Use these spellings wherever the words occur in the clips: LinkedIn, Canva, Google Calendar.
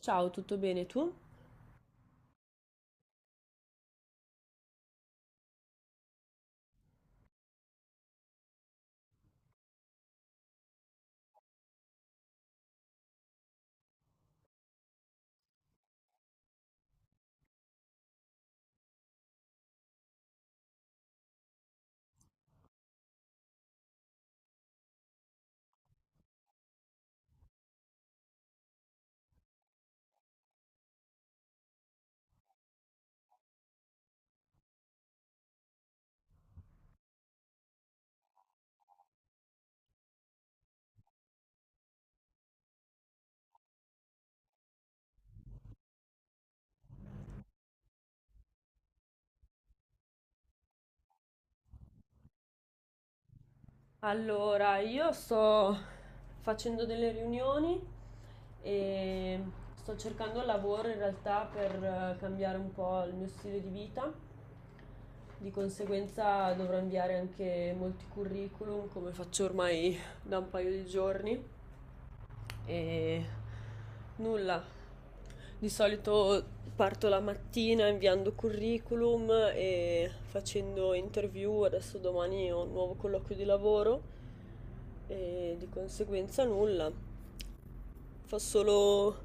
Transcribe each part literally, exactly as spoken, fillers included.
Ciao, tutto bene tu? Allora, io sto facendo delle riunioni e sto cercando lavoro in realtà per eh, cambiare un po' il mio stile di vita. Di conseguenza dovrò inviare anche molti curriculum, come faccio ormai da un paio di giorni. E nulla. Di solito parto la mattina inviando curriculum e facendo interview. Adesso domani ho un nuovo colloquio di lavoro e di conseguenza nulla. Fa solo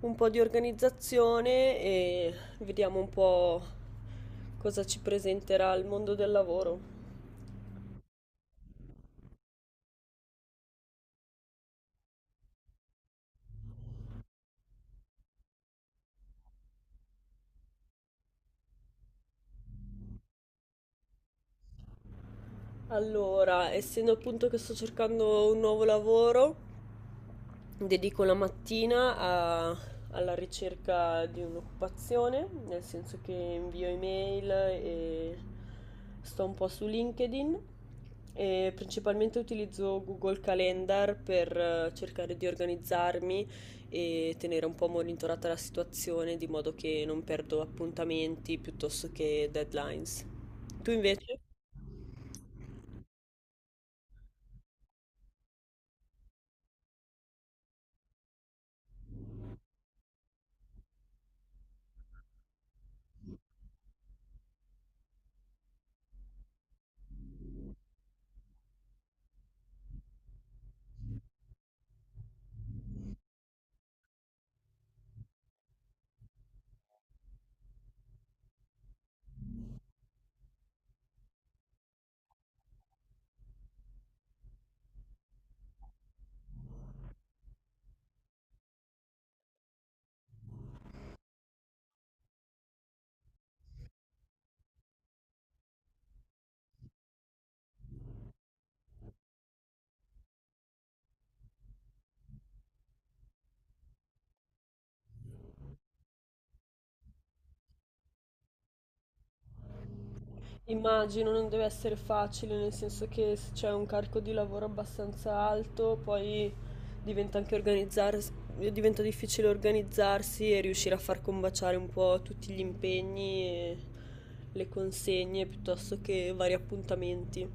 un po' di organizzazione e vediamo un po' cosa ci presenterà il mondo del lavoro. Allora, essendo appunto che sto cercando un nuovo lavoro, dedico la mattina a- alla ricerca di un'occupazione, nel senso che invio email e sto un po' su LinkedIn e principalmente utilizzo Google Calendar per eh, cercare di organizzarmi e tenere un po' monitorata la situazione di modo che non perdo appuntamenti piuttosto che deadlines. Tu invece? Immagino non deve essere facile, nel senso che se c'è un carico di lavoro abbastanza alto, poi diventa anche organizzars- diventa difficile organizzarsi e riuscire a far combaciare un po' tutti gli impegni e le consegne piuttosto che vari appuntamenti.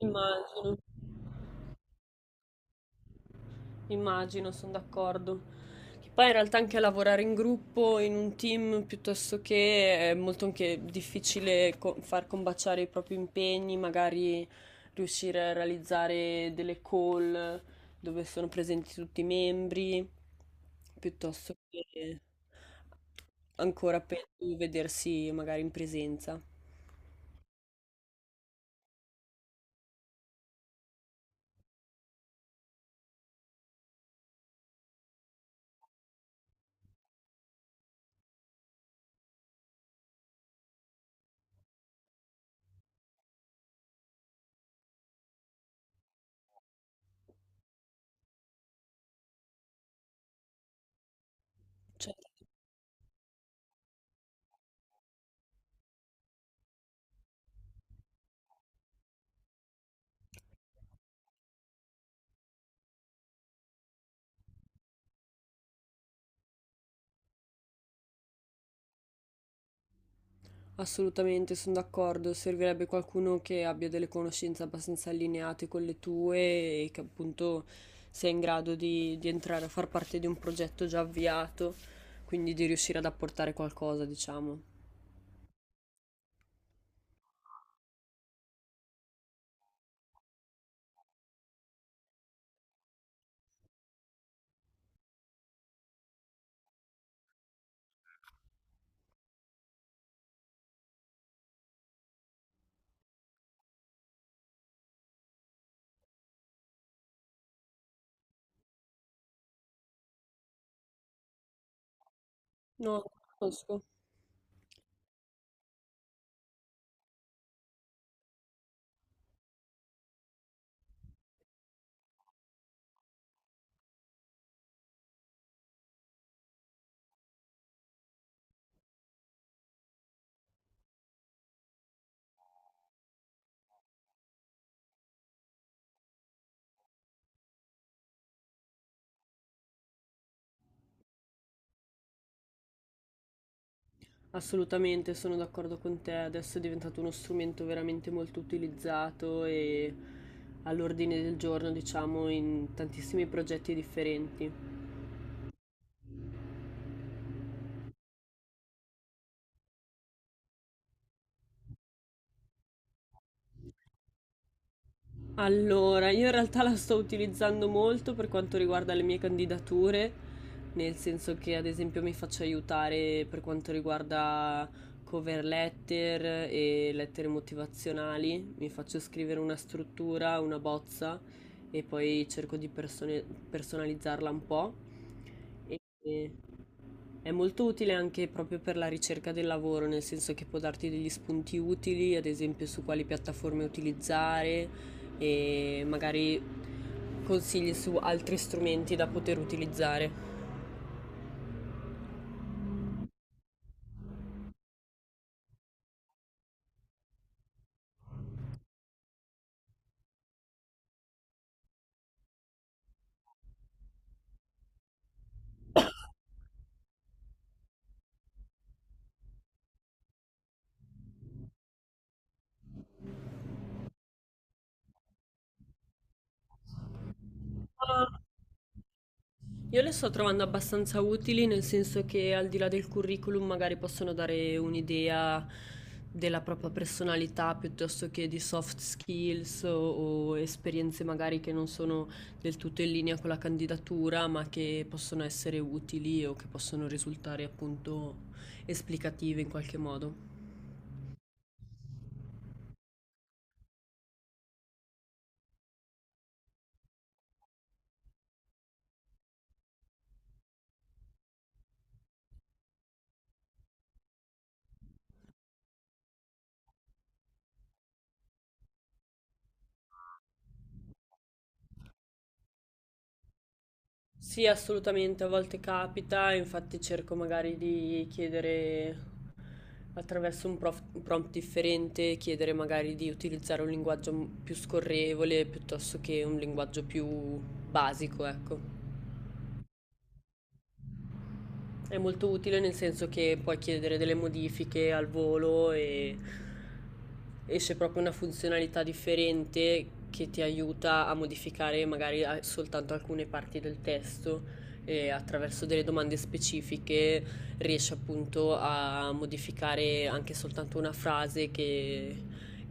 Immagino. Immagino, sono d'accordo. Che poi in realtà anche lavorare in gruppo, in un team, piuttosto che è molto anche difficile co- far combaciare i propri impegni, magari riuscire a realizzare delle call dove sono presenti tutti i membri, piuttosto che ancora peggio vedersi magari in presenza. Certo. Assolutamente, sono d'accordo. Servirebbe qualcuno che abbia delle conoscenze abbastanza allineate con le tue e che appunto sia in grado di, di entrare a far parte di un progetto già avviato, quindi di riuscire ad apportare qualcosa, diciamo. No, conosco. Assolutamente, sono d'accordo con te. Adesso è diventato uno strumento veramente molto utilizzato e all'ordine del giorno, diciamo, in tantissimi progetti differenti. Allora, io in realtà la sto utilizzando molto per quanto riguarda le mie candidature, nel senso che ad esempio mi faccio aiutare per quanto riguarda cover letter e lettere motivazionali, mi faccio scrivere una struttura, una bozza e poi cerco di persone- personalizzarla un po'. E... È molto utile anche proprio per la ricerca del lavoro, nel senso che può darti degli spunti utili, ad esempio su quali piattaforme utilizzare e magari consigli su altri strumenti da poter utilizzare. Io le sto trovando abbastanza utili, nel senso che al di là del curriculum magari possono dare un'idea della propria personalità piuttosto che di soft skills o, o esperienze magari che non sono del tutto in linea con la candidatura, ma che possono essere utili o che possono risultare appunto esplicative in qualche modo. Sì, assolutamente, a volte capita, infatti cerco magari di chiedere attraverso un prof- un prompt differente, chiedere magari di utilizzare un linguaggio m- più scorrevole piuttosto che un linguaggio più basico, ecco. È molto utile nel senso che puoi chiedere delle modifiche al volo e esce proprio una funzionalità differente che ti aiuta a modificare magari a- soltanto alcune parti del testo e attraverso delle domande specifiche riesci appunto a modificare anche soltanto una frase che,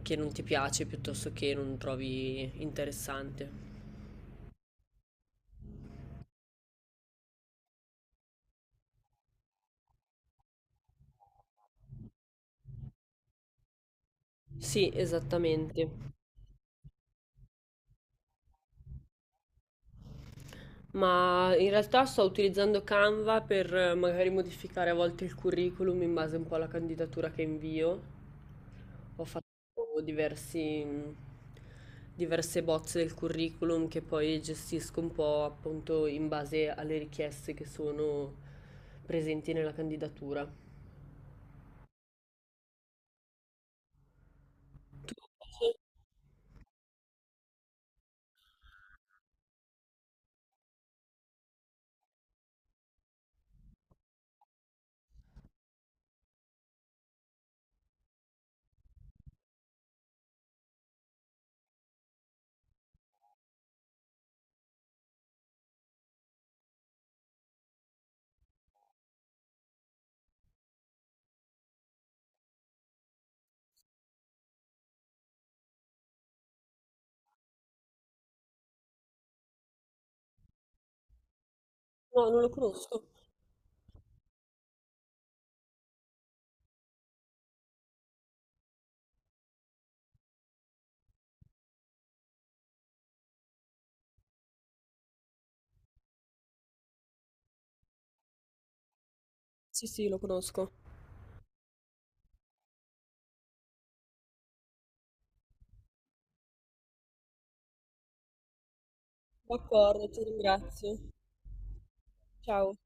che non ti piace piuttosto che non trovi interessante. Sì, esattamente. Ma in realtà sto utilizzando Canva per eh, magari modificare a volte il curriculum in base un po' alla candidatura che invio. Ho fatto diversi, diverse bozze del curriculum che poi gestisco un po' appunto in base alle richieste che sono presenti nella candidatura. No, non lo conosco. Sì, sì, lo conosco. D'accordo, ti ringrazio. Ciao.